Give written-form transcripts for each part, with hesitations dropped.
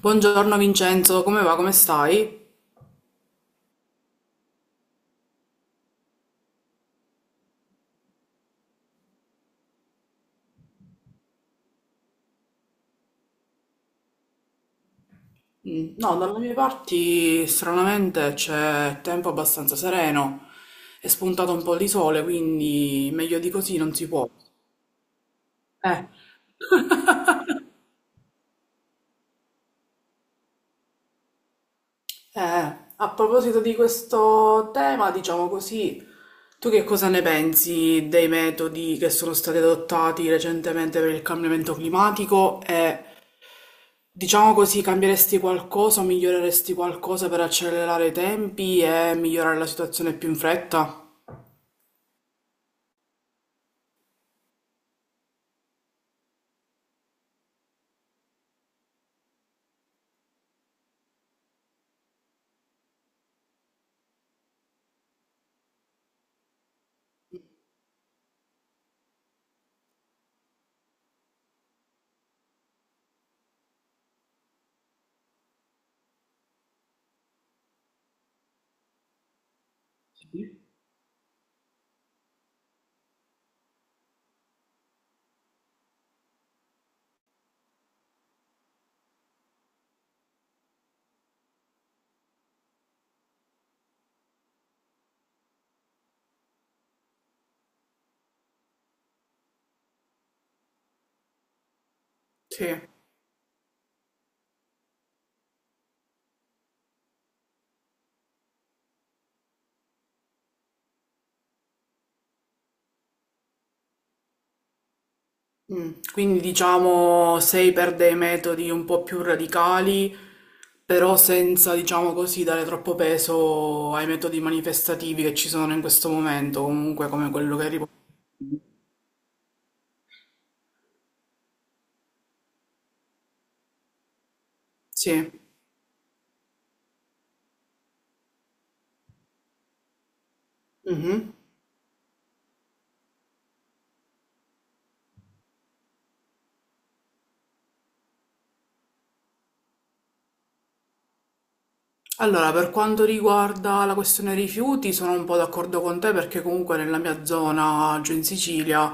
Buongiorno Vincenzo, come va? Come stai? Mm, no, dalle mie parti stranamente c'è tempo abbastanza sereno, è spuntato un po' di sole, quindi meglio di così non si può. Eh. Eh, a proposito di questo tema, diciamo così, tu che cosa ne pensi dei metodi che sono stati adottati recentemente per il cambiamento climatico e diciamo così, cambieresti qualcosa o miglioreresti qualcosa per accelerare i tempi e migliorare la situazione più in fretta? Sì. Sì. Mm. Quindi diciamo sei per dei metodi un po' più radicali, però senza, diciamo così, dare troppo peso ai metodi manifestativi che ci sono in questo momento, comunque come quello che riporta. Sì. Mhm. Allora, per quanto riguarda la questione rifiuti, sono un po' d'accordo con te perché comunque nella mia zona, giù in Sicilia,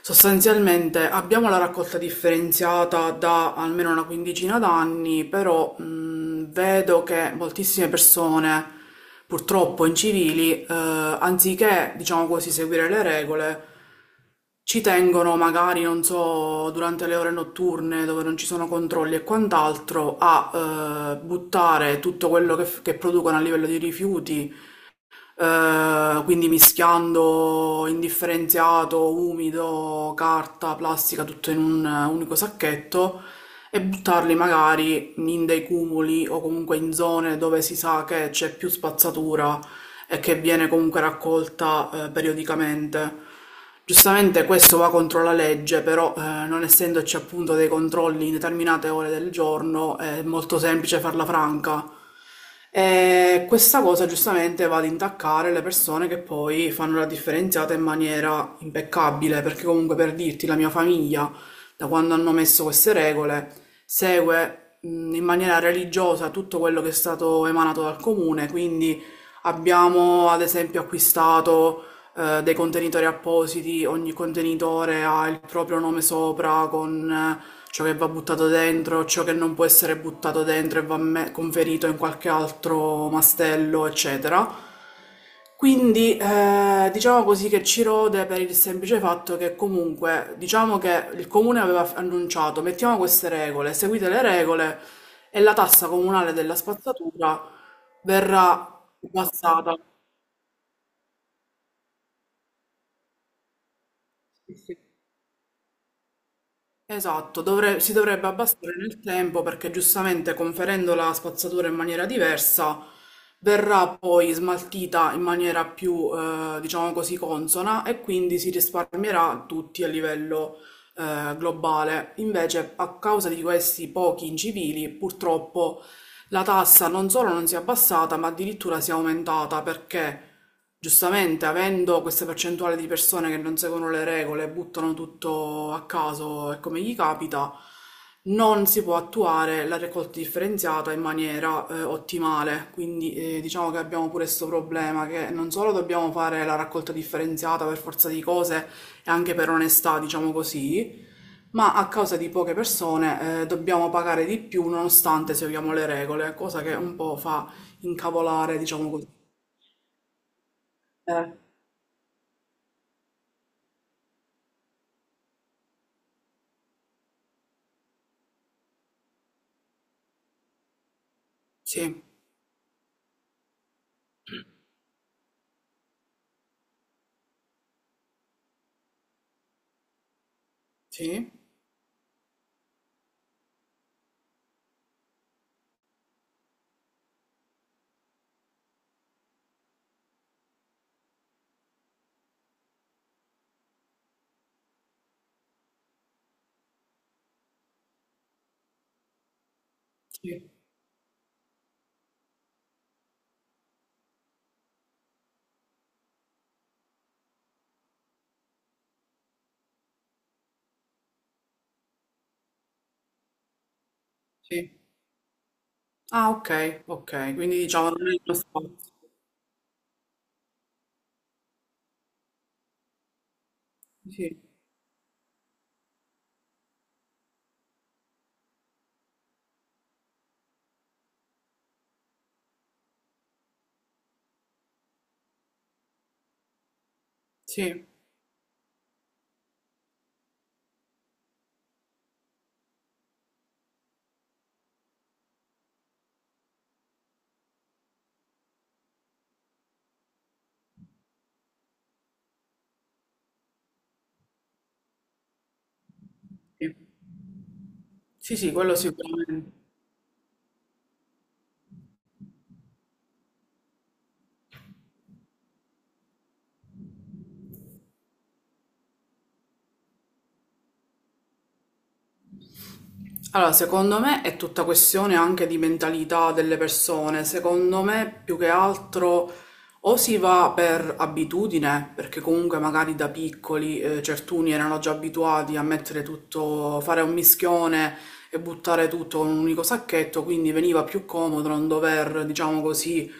sostanzialmente abbiamo la raccolta differenziata da almeno una quindicina d'anni, però vedo che moltissime persone, purtroppo incivili, anziché, diciamo così, seguire le regole, ci tengono magari, non so, durante le ore notturne dove non ci sono controlli e quant'altro, a buttare tutto quello che, che producono a livello di rifiuti, quindi mischiando indifferenziato, umido, carta, plastica, tutto in un unico sacchetto e buttarli magari in dei cumuli o comunque in zone dove si sa che c'è più spazzatura e che viene comunque raccolta periodicamente. Giustamente questo va contro la legge, però non essendoci appunto dei controlli in determinate ore del giorno è molto semplice farla franca. E questa cosa giustamente va ad intaccare le persone che poi fanno la differenziata in maniera impeccabile, perché comunque, per dirti, la mia famiglia, da quando hanno messo queste regole, segue in maniera religiosa tutto quello che è stato emanato dal comune, quindi abbiamo ad esempio acquistato dei contenitori appositi, ogni contenitore ha il proprio nome sopra con ciò che va buttato dentro, ciò che non può essere buttato dentro e va conferito in qualche altro mastello, eccetera. Quindi diciamo così che ci rode per il semplice fatto che comunque diciamo che il comune aveva annunciato, mettiamo, queste regole, seguite le regole e la tassa comunale della spazzatura verrà abbassata. Sì, sì. Esatto, si dovrebbe abbassare nel tempo perché giustamente conferendo la spazzatura in maniera diversa verrà poi smaltita in maniera più, diciamo così, consona, e quindi si risparmierà tutti a livello, globale. Invece, a causa di questi pochi incivili, purtroppo la tassa non solo non si è abbassata, ma addirittura si è aumentata, perché, giustamente, avendo questa percentuale di persone che non seguono le regole, buttano tutto a caso e come gli capita, non si può attuare la raccolta differenziata in maniera ottimale. Quindi diciamo che abbiamo pure questo problema, che non solo dobbiamo fare la raccolta differenziata per forza di cose e anche per onestà, diciamo così, ma a causa di poche persone dobbiamo pagare di più nonostante seguiamo le regole, cosa che un po' fa incavolare, diciamo così. Eh, sì. Sì, sì, sì. Ah, ok, ok, quindi diciamo non è uno spazio. Sì, sì, sì, sì, sì, quello sicuramente. Allora, secondo me è tutta questione anche di mentalità delle persone. Secondo me, più che altro, o si va per abitudine, perché comunque magari da piccoli certuni erano già abituati a mettere tutto, fare un mischione e buttare tutto in un unico sacchetto, quindi veniva più comodo non dover, diciamo così,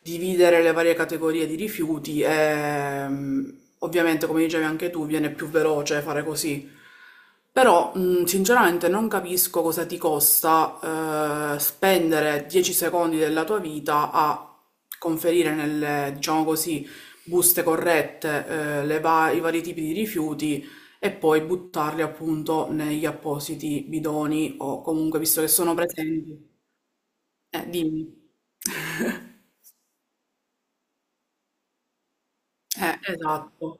dividere le varie categorie di rifiuti e ovviamente, come dicevi anche tu, viene più veloce fare così. Però, sinceramente, non capisco cosa ti costa spendere 10 secondi della tua vita a conferire nelle, diciamo così, buste corrette i vari tipi di rifiuti e poi buttarli appunto negli appositi bidoni o comunque, visto che sono presenti. Dimmi. Esatto.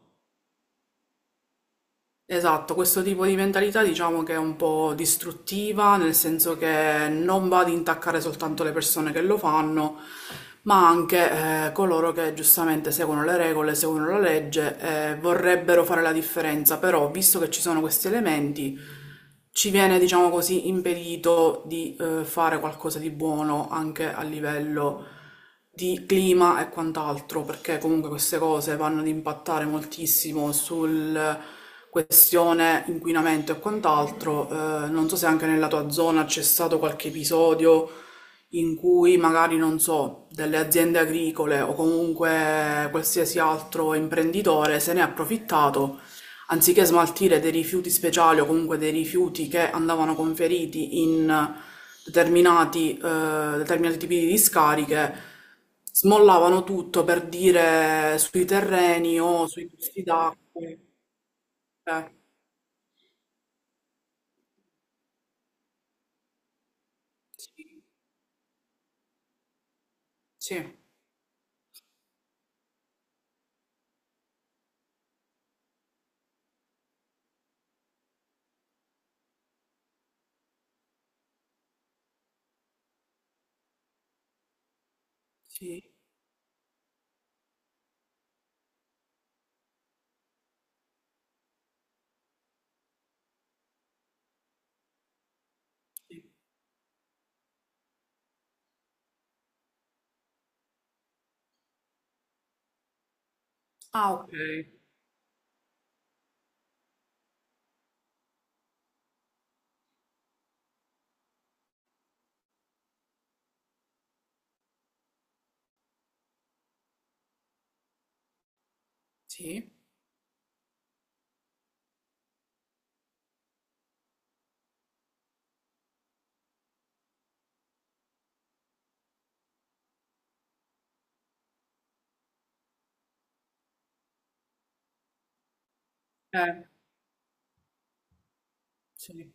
Esatto, questo tipo di mentalità diciamo che è un po' distruttiva, nel senso che non va ad intaccare soltanto le persone che lo fanno, ma anche coloro che giustamente seguono le regole, seguono la legge e vorrebbero fare la differenza, però visto che ci sono questi elementi, ci viene, diciamo così, impedito di fare qualcosa di buono anche a livello di clima e quant'altro, perché comunque queste cose vanno ad impattare moltissimo sul, questione inquinamento e quant'altro. Non so se anche nella tua zona c'è stato qualche episodio in cui magari, non so, delle aziende agricole o comunque qualsiasi altro imprenditore se ne è approfittato anziché smaltire dei rifiuti speciali o comunque dei rifiuti che andavano conferiti in determinati tipi di discariche, smollavano tutto per dire sui terreni o sui corsi d'acqua. Eh, sì, sì, sì, sì. Ah, ok. Sì, eh, sì.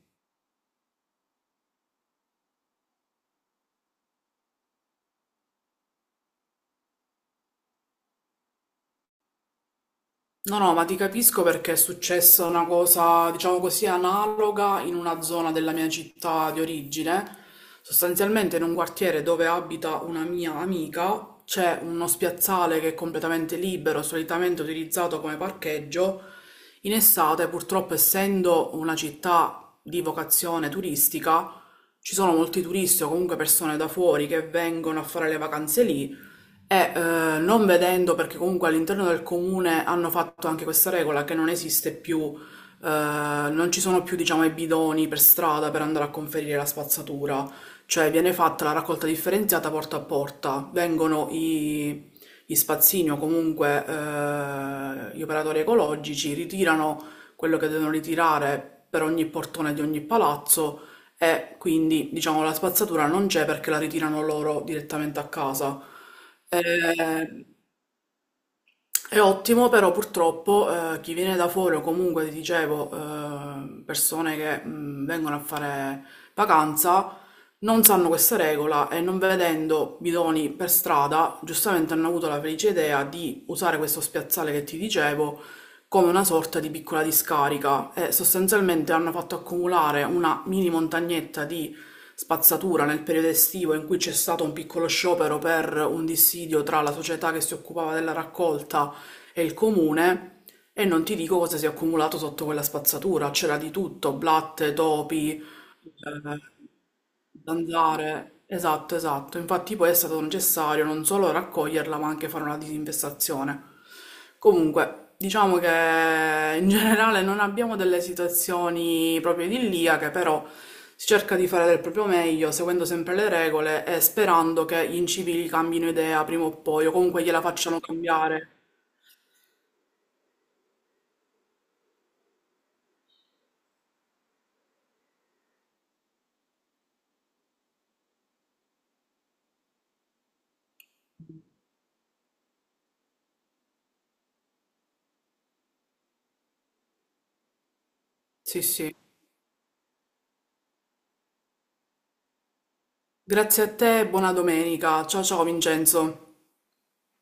No, no, ma ti capisco perché è successa una cosa, diciamo così, analoga in una zona della mia città di origine. Sostanzialmente in un quartiere dove abita una mia amica c'è uno spiazzale che è completamente libero, solitamente utilizzato come parcheggio. In estate, purtroppo, essendo una città di vocazione turistica, ci sono molti turisti o comunque persone da fuori che vengono a fare le vacanze lì e non vedendo, perché comunque all'interno del comune hanno fatto anche questa regola che non esiste più, non ci sono più, diciamo, i bidoni per strada per andare a conferire la spazzatura, cioè viene fatta la raccolta differenziata porta a porta, vengono gli spazzini o comunque gli operatori ecologici, ritirano quello che devono ritirare per ogni portone di ogni palazzo e quindi, diciamo, la spazzatura non c'è perché la ritirano loro direttamente a casa. Eh, è ottimo, però purtroppo chi viene da fuori o comunque, ti dicevo, persone che vengono a fare vacanza non sanno questa regola e non vedendo bidoni per strada, giustamente hanno avuto la felice idea di usare questo spiazzale che ti dicevo come una sorta di piccola discarica, e sostanzialmente hanno fatto accumulare una mini montagnetta di spazzatura nel periodo estivo in cui c'è stato un piccolo sciopero per un dissidio tra la società che si occupava della raccolta e il comune, e non ti dico cosa si è accumulato sotto quella spazzatura, c'era di tutto, blatte, topi, zanzare. Esatto, esatto. Infatti poi è stato necessario non solo raccoglierla, ma anche fare una disinfestazione. Comunque, diciamo che in generale non abbiamo delle situazioni proprio idilliache, però si cerca di fare del proprio meglio, seguendo sempre le regole e sperando che gli incivili cambino idea prima o poi, o comunque gliela facciano cambiare. Sì, sì. Grazie a te e buona domenica. Ciao ciao Vincenzo.